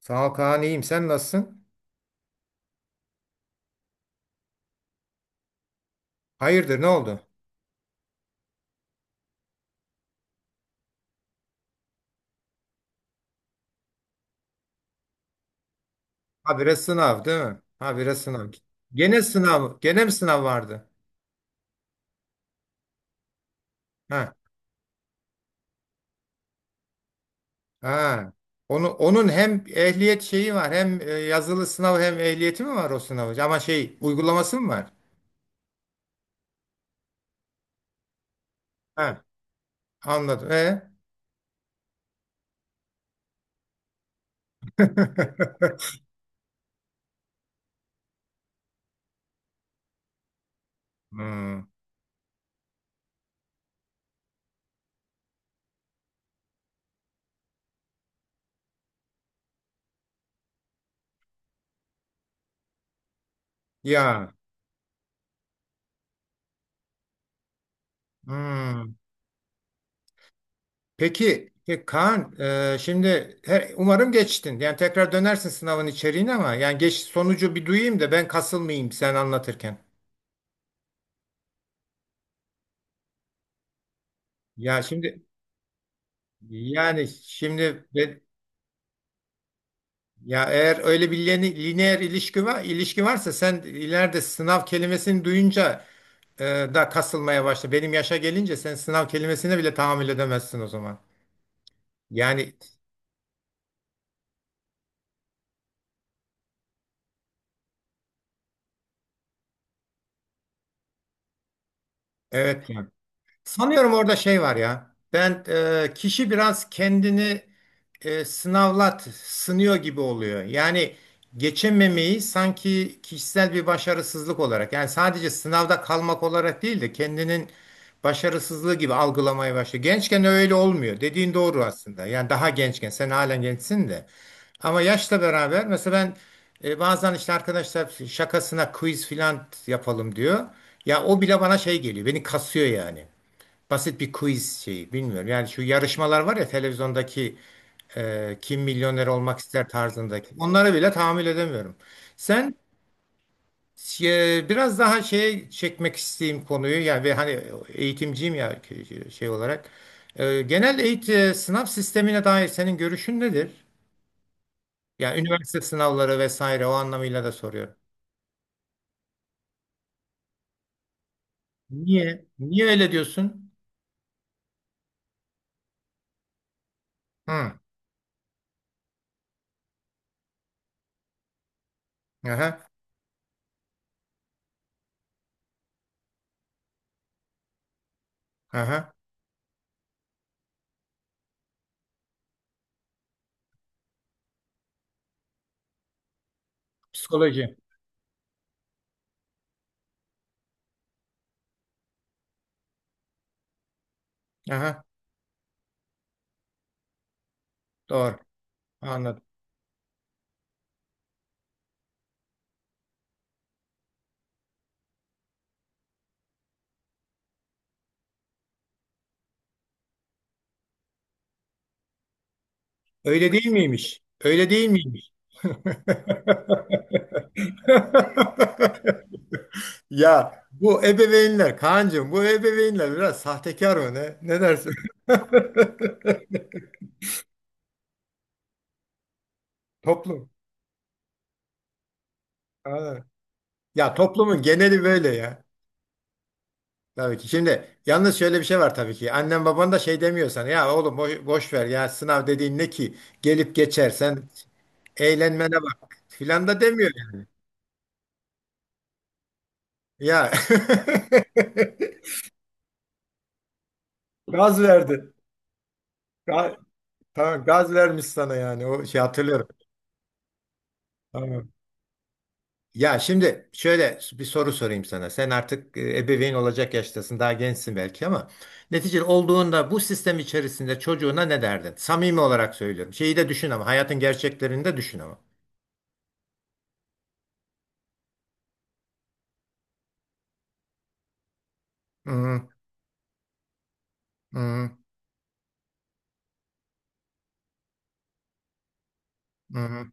Sağ ol Kaan iyiyim. Sen nasılsın? Hayırdır ne oldu? Habire sınav değil mi? Habire sınav. Gene sınav. Gene mi sınav vardı? Ha. Ha. Onu, onun hem ehliyet şeyi var hem yazılı sınav hem ehliyeti mi var o sınavı? Ama şey uygulaması mı var? Ha. Anladım. E? Hmm. Ya. Hmm. Peki, peki Kaan, şimdi umarım geçtin. Yani tekrar dönersin sınavın içeriğine ama yani geç sonucu bir duyayım da ben kasılmayayım sen anlatırken. Ya şimdi yani ya eğer öyle bir lineer ilişki varsa sen ileride sınav kelimesini duyunca e, da kasılmaya başla. Benim yaşa gelince sen sınav kelimesine bile tahammül edemezsin o zaman. Yani evet yani. Sanıyorum orada şey var ya. Ben kişi biraz kendini sınıyor gibi oluyor. Yani geçememeyi sanki kişisel bir başarısızlık olarak, yani sadece sınavda kalmak olarak değil de kendinin başarısızlığı gibi algılamaya başlıyor. Gençken öyle olmuyor. Dediğin doğru aslında. Yani daha gençken, sen halen gençsin de. Ama yaşla beraber mesela ben bazen işte arkadaşlar şakasına quiz filan yapalım diyor. Ya o bile bana şey geliyor. Beni kasıyor yani basit bir quiz şeyi bilmiyorum. Yani şu yarışmalar var ya televizyondaki kim milyoner olmak ister tarzındaki. Onlara bile tahammül edemiyorum. Sen biraz daha şeye çekmek isteyeyim konuyu. Yani ve hani eğitimciyim ya şey olarak. Genel eğitim sınav sistemine dair senin görüşün nedir? Yani üniversite sınavları vesaire o anlamıyla da soruyorum. Niye? Niye öyle diyorsun? Hı. Aha. Aha. Psikoloji. Aha. Doğru. Anladım. Öyle değil miymiş? Öyle değil miymiş? Ya bu ebeveynler Kaan'cığım bu ebeveynler biraz sahtekar mı ne? Ne dersin? Toplum. Ha. Ya toplumun geneli böyle ya. Tabii ki. Şimdi yalnız şöyle bir şey var tabii ki. Annen baban da şey demiyor sana. Ya oğlum boş, boş ver ya sınav dediğin ne ki? Gelip geçer sen eğlenmene bak filan da demiyor yani. Ya gaz verdi. Tamam gaz vermiş sana yani o şey hatırlıyorum. Tamam. Ya şimdi şöyle bir soru sorayım sana. Sen artık ebeveyn olacak yaştasın. Daha gençsin belki ama neticede olduğunda bu sistem içerisinde çocuğuna ne derdin? Samimi olarak söylüyorum. Şeyi de düşün ama hayatın gerçeklerini de düşün ama. Hı hı hı.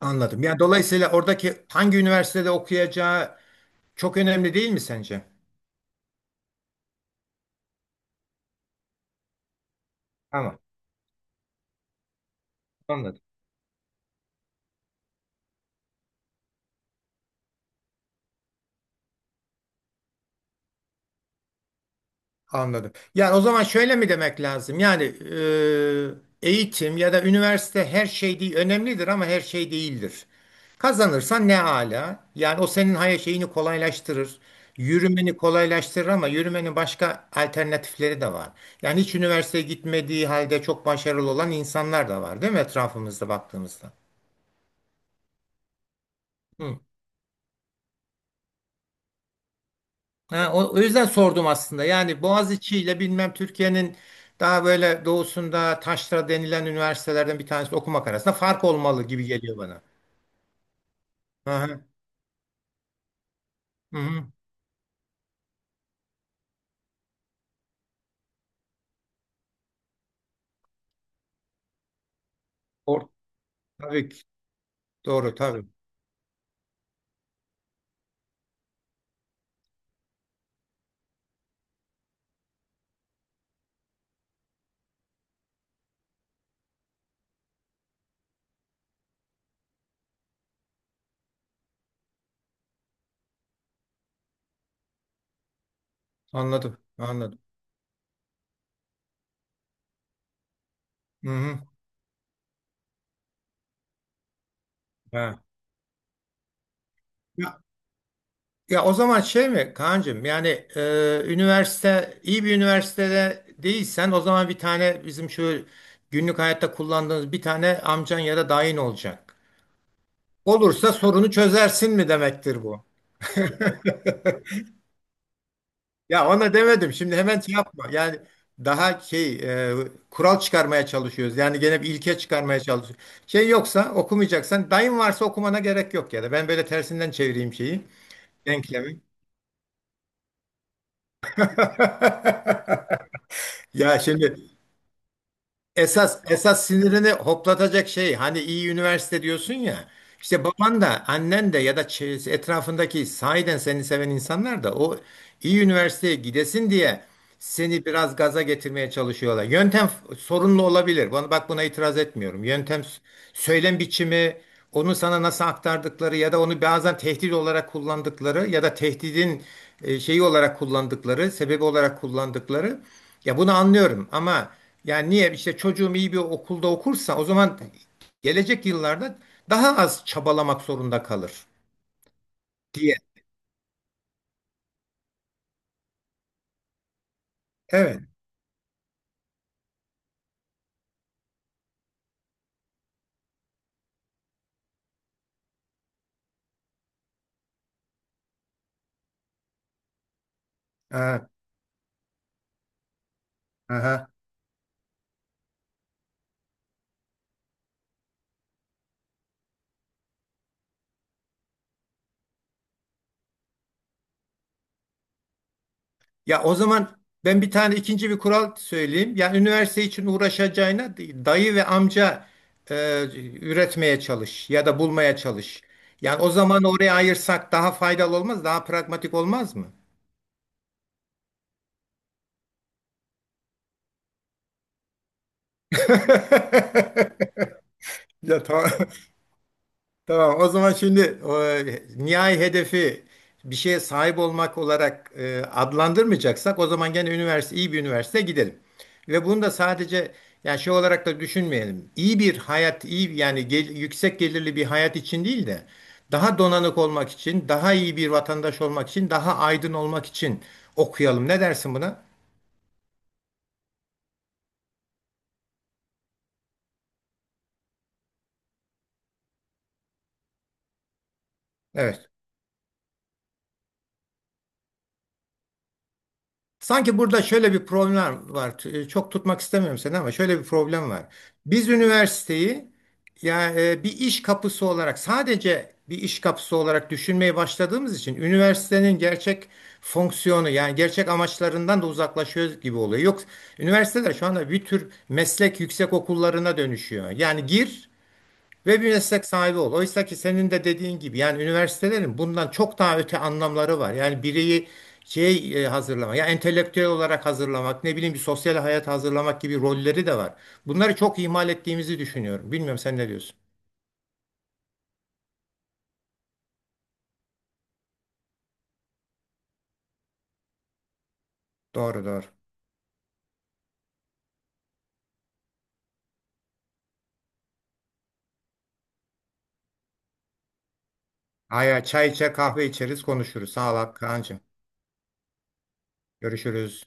Anladım. Yani dolayısıyla oradaki hangi üniversitede okuyacağı çok önemli değil mi sence? Tamam. Anladım. Anladım. Yani o zaman şöyle mi demek lazım? Yani eğitim ya da üniversite her şey değil, önemlidir ama her şey değildir. Kazanırsan ne hala? Yani o senin hayat şeyini kolaylaştırır. Yürümeni kolaylaştırır ama yürümenin başka alternatifleri de var. Yani hiç üniversiteye gitmediği halde çok başarılı olan insanlar da var, değil mi etrafımızda baktığımızda? Hı. Ha, o, o yüzden sordum aslında. Yani Boğaziçi ile bilmem Türkiye'nin daha böyle doğusunda taşra denilen üniversitelerden bir tanesi okumak arasında fark olmalı gibi geliyor bana. Hı hı. Hı hı. Or- tabii ki. Doğru tabii. Anladım. Anladım. Hı hı. Ha. Ya, ya o zaman şey mi Kaan'cığım yani üniversite iyi bir üniversitede değilsen o zaman bir tane bizim şu günlük hayatta kullandığımız bir tane amcan ya da dayın olacak. Olursa sorunu çözersin mi demektir bu? Ya ona demedim. Şimdi hemen şey yapma. Yani daha şey e, kural çıkarmaya çalışıyoruz. Yani gene bir ilke çıkarmaya çalışıyoruz. Şey yoksa okumayacaksan dayın varsa okumana gerek yok ya da ben böyle tersinden çevireyim şeyi. Denklemi. Ya şimdi Esas esas sinirini hoplatacak şey hani iyi üniversite diyorsun ya. İşte baban da annen de ya da etrafındaki sahiden seni seven insanlar da o iyi üniversiteye gidesin diye seni biraz gaza getirmeye çalışıyorlar. Sorunlu olabilir. Bana bak buna itiraz etmiyorum. Söylem biçimi, onu sana nasıl aktardıkları ya da onu bazen tehdit olarak kullandıkları ya da tehdidin şeyi olarak kullandıkları, sebebi olarak kullandıkları ya bunu anlıyorum ama yani niye işte çocuğum iyi bir okulda okursa o zaman gelecek yıllarda daha az çabalamak zorunda kalır diye. Evet. Ha, aha. Ya o zaman ben bir tane ikinci bir kural söyleyeyim. Yani üniversite için uğraşacağına dayı ve amca e, üretmeye çalış ya da bulmaya çalış. Yani o zaman oraya ayırsak daha faydalı olmaz, daha pragmatik olmaz mı? Ya tamam. Tamam, o zaman şimdi e, nihai hedefi bir şeye sahip olmak olarak adlandırmayacaksak o zaman gene üniversite iyi bir üniversiteye gidelim. Ve bunu da sadece yani şey olarak da düşünmeyelim. İyi bir hayat, iyi yani yüksek gelirli bir hayat için değil de daha donanık olmak için, daha iyi bir vatandaş olmak için, daha aydın olmak için okuyalım. Ne dersin buna? Evet. Sanki burada şöyle bir problem var. Çok tutmak istemiyorum seni ama şöyle bir problem var. Biz üniversiteyi ya bir iş kapısı olarak sadece bir iş kapısı olarak düşünmeye başladığımız için üniversitenin gerçek fonksiyonu yani gerçek amaçlarından da uzaklaşıyoruz gibi oluyor. Yok üniversiteler şu anda bir tür meslek yüksek okullarına dönüşüyor. Yani gir ve bir meslek sahibi ol. Oysa ki senin de dediğin gibi yani üniversitelerin bundan çok daha öte anlamları var. Yani bireyi şey hazırlamak, ya entelektüel olarak hazırlamak, ne bileyim bir sosyal hayat hazırlamak gibi rolleri de var. Bunları çok ihmal ettiğimizi düşünüyorum. Bilmiyorum sen ne diyorsun? Doğru doğru. Aya çay içer, kahve içeriz, konuşuruz. Sağ ol Kaan'cığım. Görüşürüz.